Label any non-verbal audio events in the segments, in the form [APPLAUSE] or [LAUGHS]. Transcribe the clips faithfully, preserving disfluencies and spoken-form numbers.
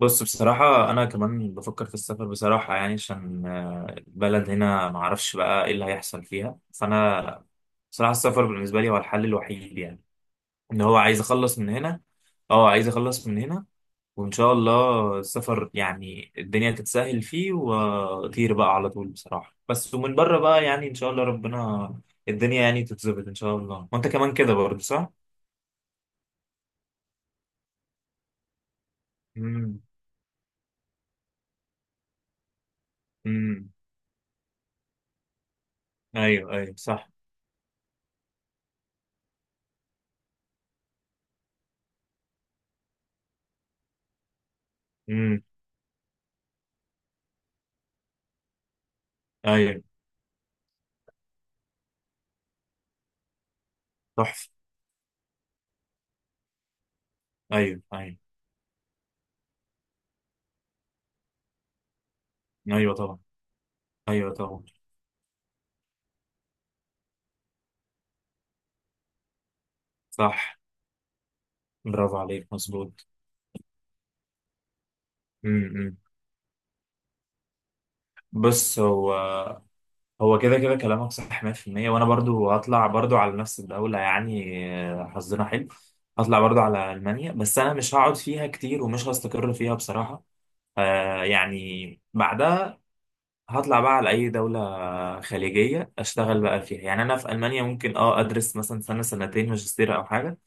بص، بصراحة أنا كمان بفكر في السفر بصراحة. يعني عشان آه، البلد هنا معرفش بقى إيه اللي هيحصل فيها. فأنا بصراحة السفر بالنسبة لي هو الحل الوحيد، يعني إن هو عايز أخلص من هنا. أه، عايز أخلص من هنا. وإن شاء الله السفر يعني الدنيا تتسهل فيه وأطير بقى على طول بصراحة، بس ومن بره بقى يعني إن شاء الله ربنا الدنيا يعني تتظبط إن شاء الله. وأنت كمان كده برضه صح؟ امم. امم. أيوه أيوه صح. امم. أيوه. تحفة. أيوه أيوه. ايوه طبعا. ايوه طبعا صح. برافو عليك. مظبوط. امم. بص، هو هو كده كده كلامك صح مية في المية. وانا برضو هطلع برضو على نفس الدولة يعني. آه، حظنا حلو. هطلع برضو على المانيا، بس انا مش هقعد فيها كتير ومش هستقر فيها بصراحة. آه يعني بعدها هطلع بقى على اي دولة خليجية، اشتغل بقى فيها. يعني انا في المانيا ممكن اه ادرس مثلا سنة سنتين ماجستير او حاجة.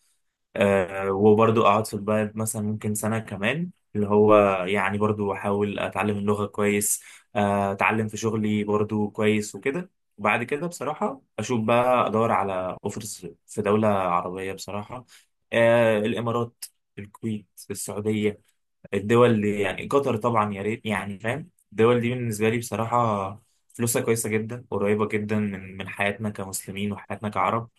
آه وبرضو أقعد في البلد مثلا ممكن سنة كمان، اللي هو يعني برضو أحاول أتعلم اللغة كويس. آه أتعلم في شغلي برضو كويس وكده. وبعد كده بصراحة أشوف بقى أدور على أوفرز في دولة عربية بصراحة. آه الإمارات، الكويت، السعودية، الدول دي يعني. قطر طبعا يا ريت يعني، فاهم. الدول دي بالنسبة لي بصراحة فلوسها كويسة جدا، قريبة جدا من من حياتنا كمسلمين وحياتنا كعرب.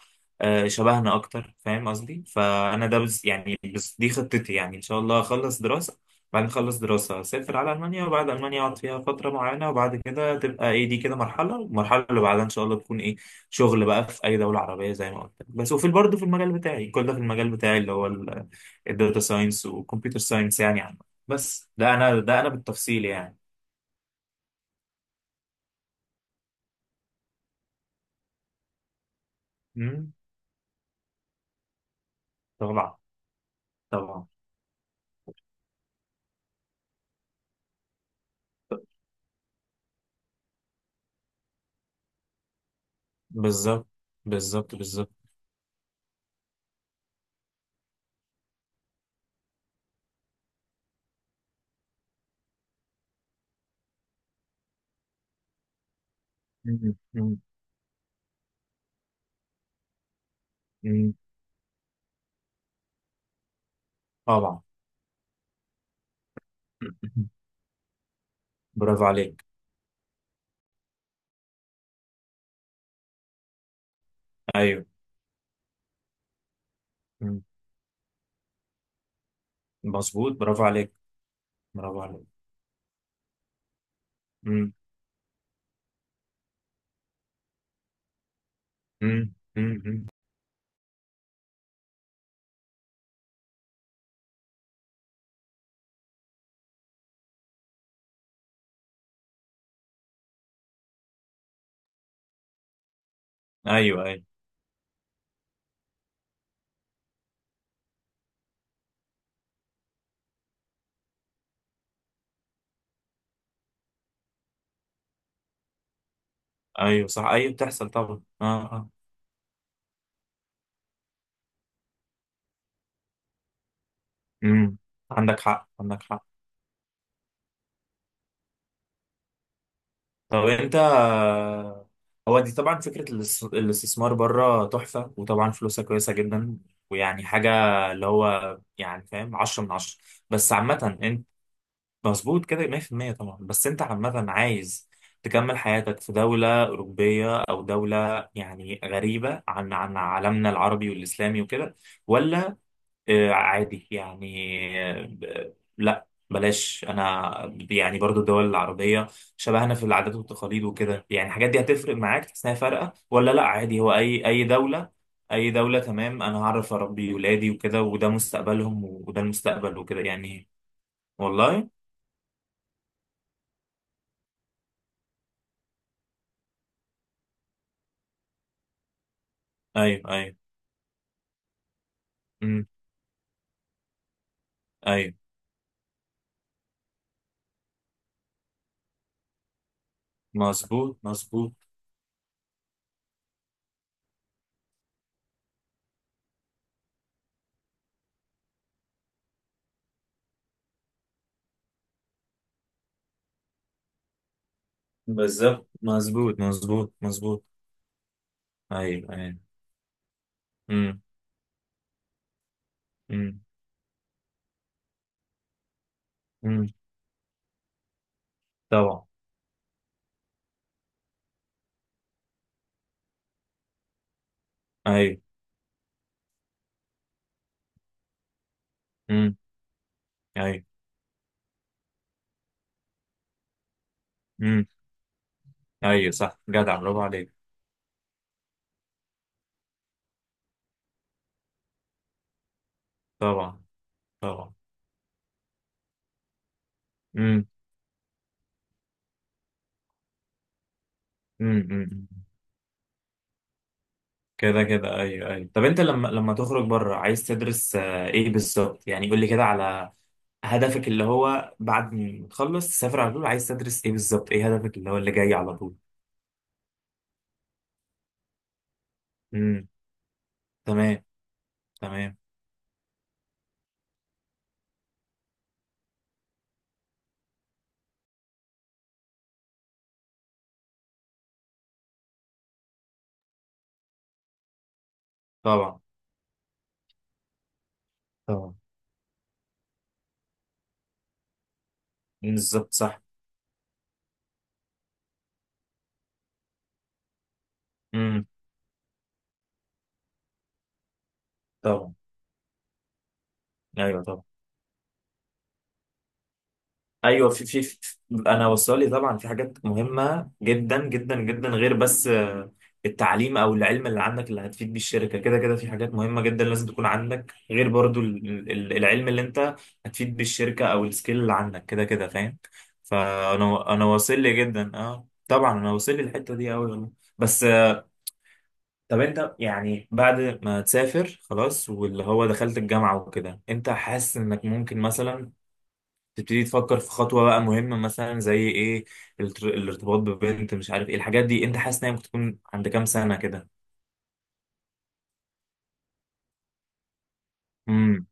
آه شبهنا أكتر، فاهم قصدي. فأنا ده بز يعني بز دي خطتي يعني. إن شاء الله أخلص دراسة، بعد ما أخلص دراسة أسافر على ألمانيا. وبعد ألمانيا أقعد فيها فترة معينة. وبعد كده تبقى إيه، دي كده مرحلة. والمرحلة اللي بعدها إن شاء الله تكون إيه، شغل بقى في أي دولة عربية زي ما قلت لك. بس وفي برضه في المجال بتاعي، كل ده في المجال بتاعي اللي هو الداتا ساينس وكمبيوتر ساينس يعني. بس ده انا ده انا بالتفصيل يعني. مم. طبعا. طبعا. بالظبط بالظبط بالظبط. مم. مم. مم. طبعا. [LAUGHS] برافو عليك. ايوه. مم. مظبوط. برافو عليك. برافو عليك. مم. مم. مم. مم. ايوه ايوه ايوه صح. ايوه بتحصل طبعا، اه. اه. مم. عندك حق عندك حق. طب انت هو دي طبعا فكرة الاس- الاستثمار بره تحفة، وطبعا فلوسها كويسة جدا. ويعني حاجة اللي هو يعني فاهم، عشرة من عشرة. بس عامة انت مظبوط كده مية في المية طبعا. بس انت عامة عايز تكمل حياتك في دولة أوروبية أو دولة يعني غريبة عن عن عالمنا العربي والإسلامي وكده، ولا آه، عادي يعني؟ آه، ب- لا بلاش، انا يعني برضو الدول العربيه شبهنا في العادات والتقاليد وكده. يعني الحاجات دي هتفرق معاك، تحس انها فارقه ولا لا عادي هو اي اي دوله، اي دوله تمام. انا هعرف اربي ولادي وكده، وده مستقبلهم وده المستقبل وكده يعني. والله. ايوه ايوه. امم. ايوه. مظبوط مظبوط. بالظبط. مظبوط مظبوط مظبوط. ايوه ايوه. امم. امم. امم. طبعا. ايوه. امم. ايوه ايوه صح جدع برافو عليك. طبعا. طبعا. امم. امم. أمم. امم. كده كده ايوه ايوه. طب انت لما لما تخرج بره عايز تدرس آه، ايه بالظبط؟ يعني قول لي كده على هدفك، اللي هو بعد ما تخلص تسافر على طول. عايز تدرس ايه بالظبط، ايه هدفك اللي هو اللي جاي على طول؟ امم. تمام. تمام. طبعا. طبعا. بالظبط صح. امم. طبعا. ايوه. طبعا. ايوه في في, في انا وصلي، طبعا في حاجات مهمه جدا جدا جدا غير بس آه، التعليم او العلم اللي عندك اللي هتفيد بيه الشركه كده كده. في حاجات مهمه جدا لازم تكون عندك غير برضو ال- ال- العلم اللي انت هتفيد بيه الشركه او السكيل اللي عندك كده كده، فاهم. فانا انا واصل لي جدا، اه طبعا انا واصل لي الحته دي قوي والله. بس آه، طب انت يعني بعد ما تسافر خلاص، واللي هو دخلت الجامعه وكده، انت حاسس انك ممكن مثلا تبتدي تفكر في خطوة بقى مهمة مثلا زي ايه؟ التر- الارتباط ببنت، مش عارف ايه الحاجات دي. انت حاسس ان هي ممكن تكون عند كام سنة كده؟ امم.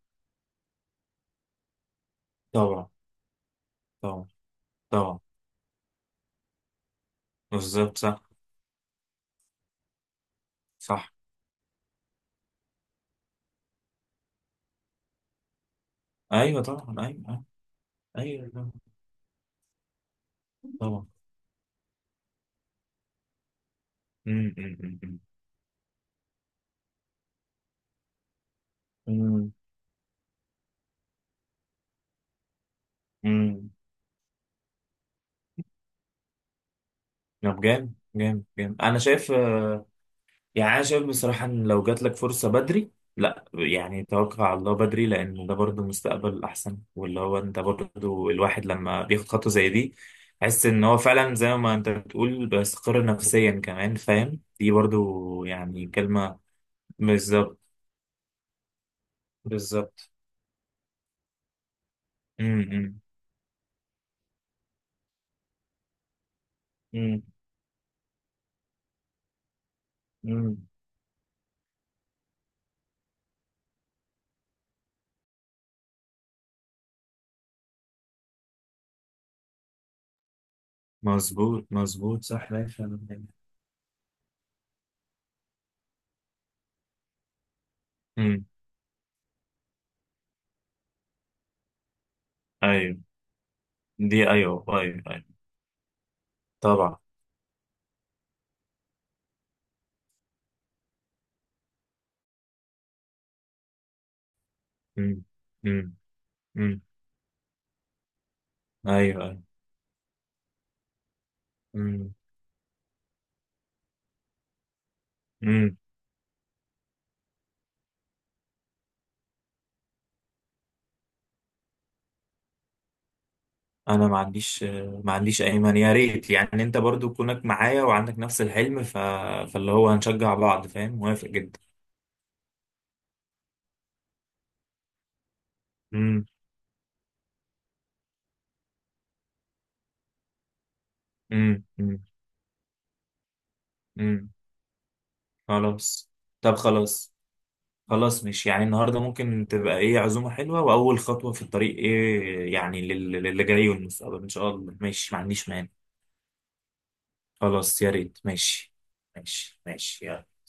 طبعا. طبعا. طبعا. بالظبط صح. صح. ايوه طبعا. ايوه. ايوه. أيوة، طبعا. طبعا. امم. امم. امم. امم. أمم. طب جامد جامد جامد. انا شايف يعني انا شايف بصراحه ان لو جات لك فرصه بدري، لا يعني توقع على الله بدري. لان ده برضه مستقبل احسن، واللي هو انت برضه الواحد لما بياخد خطوه زي دي، حس ان هو فعلا زي ما انت بتقول بيستقر نفسيا كمان فاهم. دي برضه يعني كلمه. بالظبط. بالظبط. امم. امم. امم. مظبوط مظبوط صح، لا فعلا. امم. ايوه. دي ايوه. ايوه ايوه. طبعا. امم. امم. امم. ايوه ايوه. امم. انا ما عنديش ما عنديش اي مانع، يا ريت. يعني انت برضو كونك معايا وعندك نفس الحلم، ف... فاللي هو هنشجع بعض، فاهم. موافق جدا. امم. امم. امم. امم. خلاص. طب خلاص. خلاص. مش يعني النهارده ممكن تبقى ايه عزومه حلوه، واول خطوه في الطريق، ايه يعني لل- للي جاي والمستقبل ان شاء الله ماشي. ما عنديش مانع. خلاص، يا ريت، ماشي. ماشي ماشي، يلا.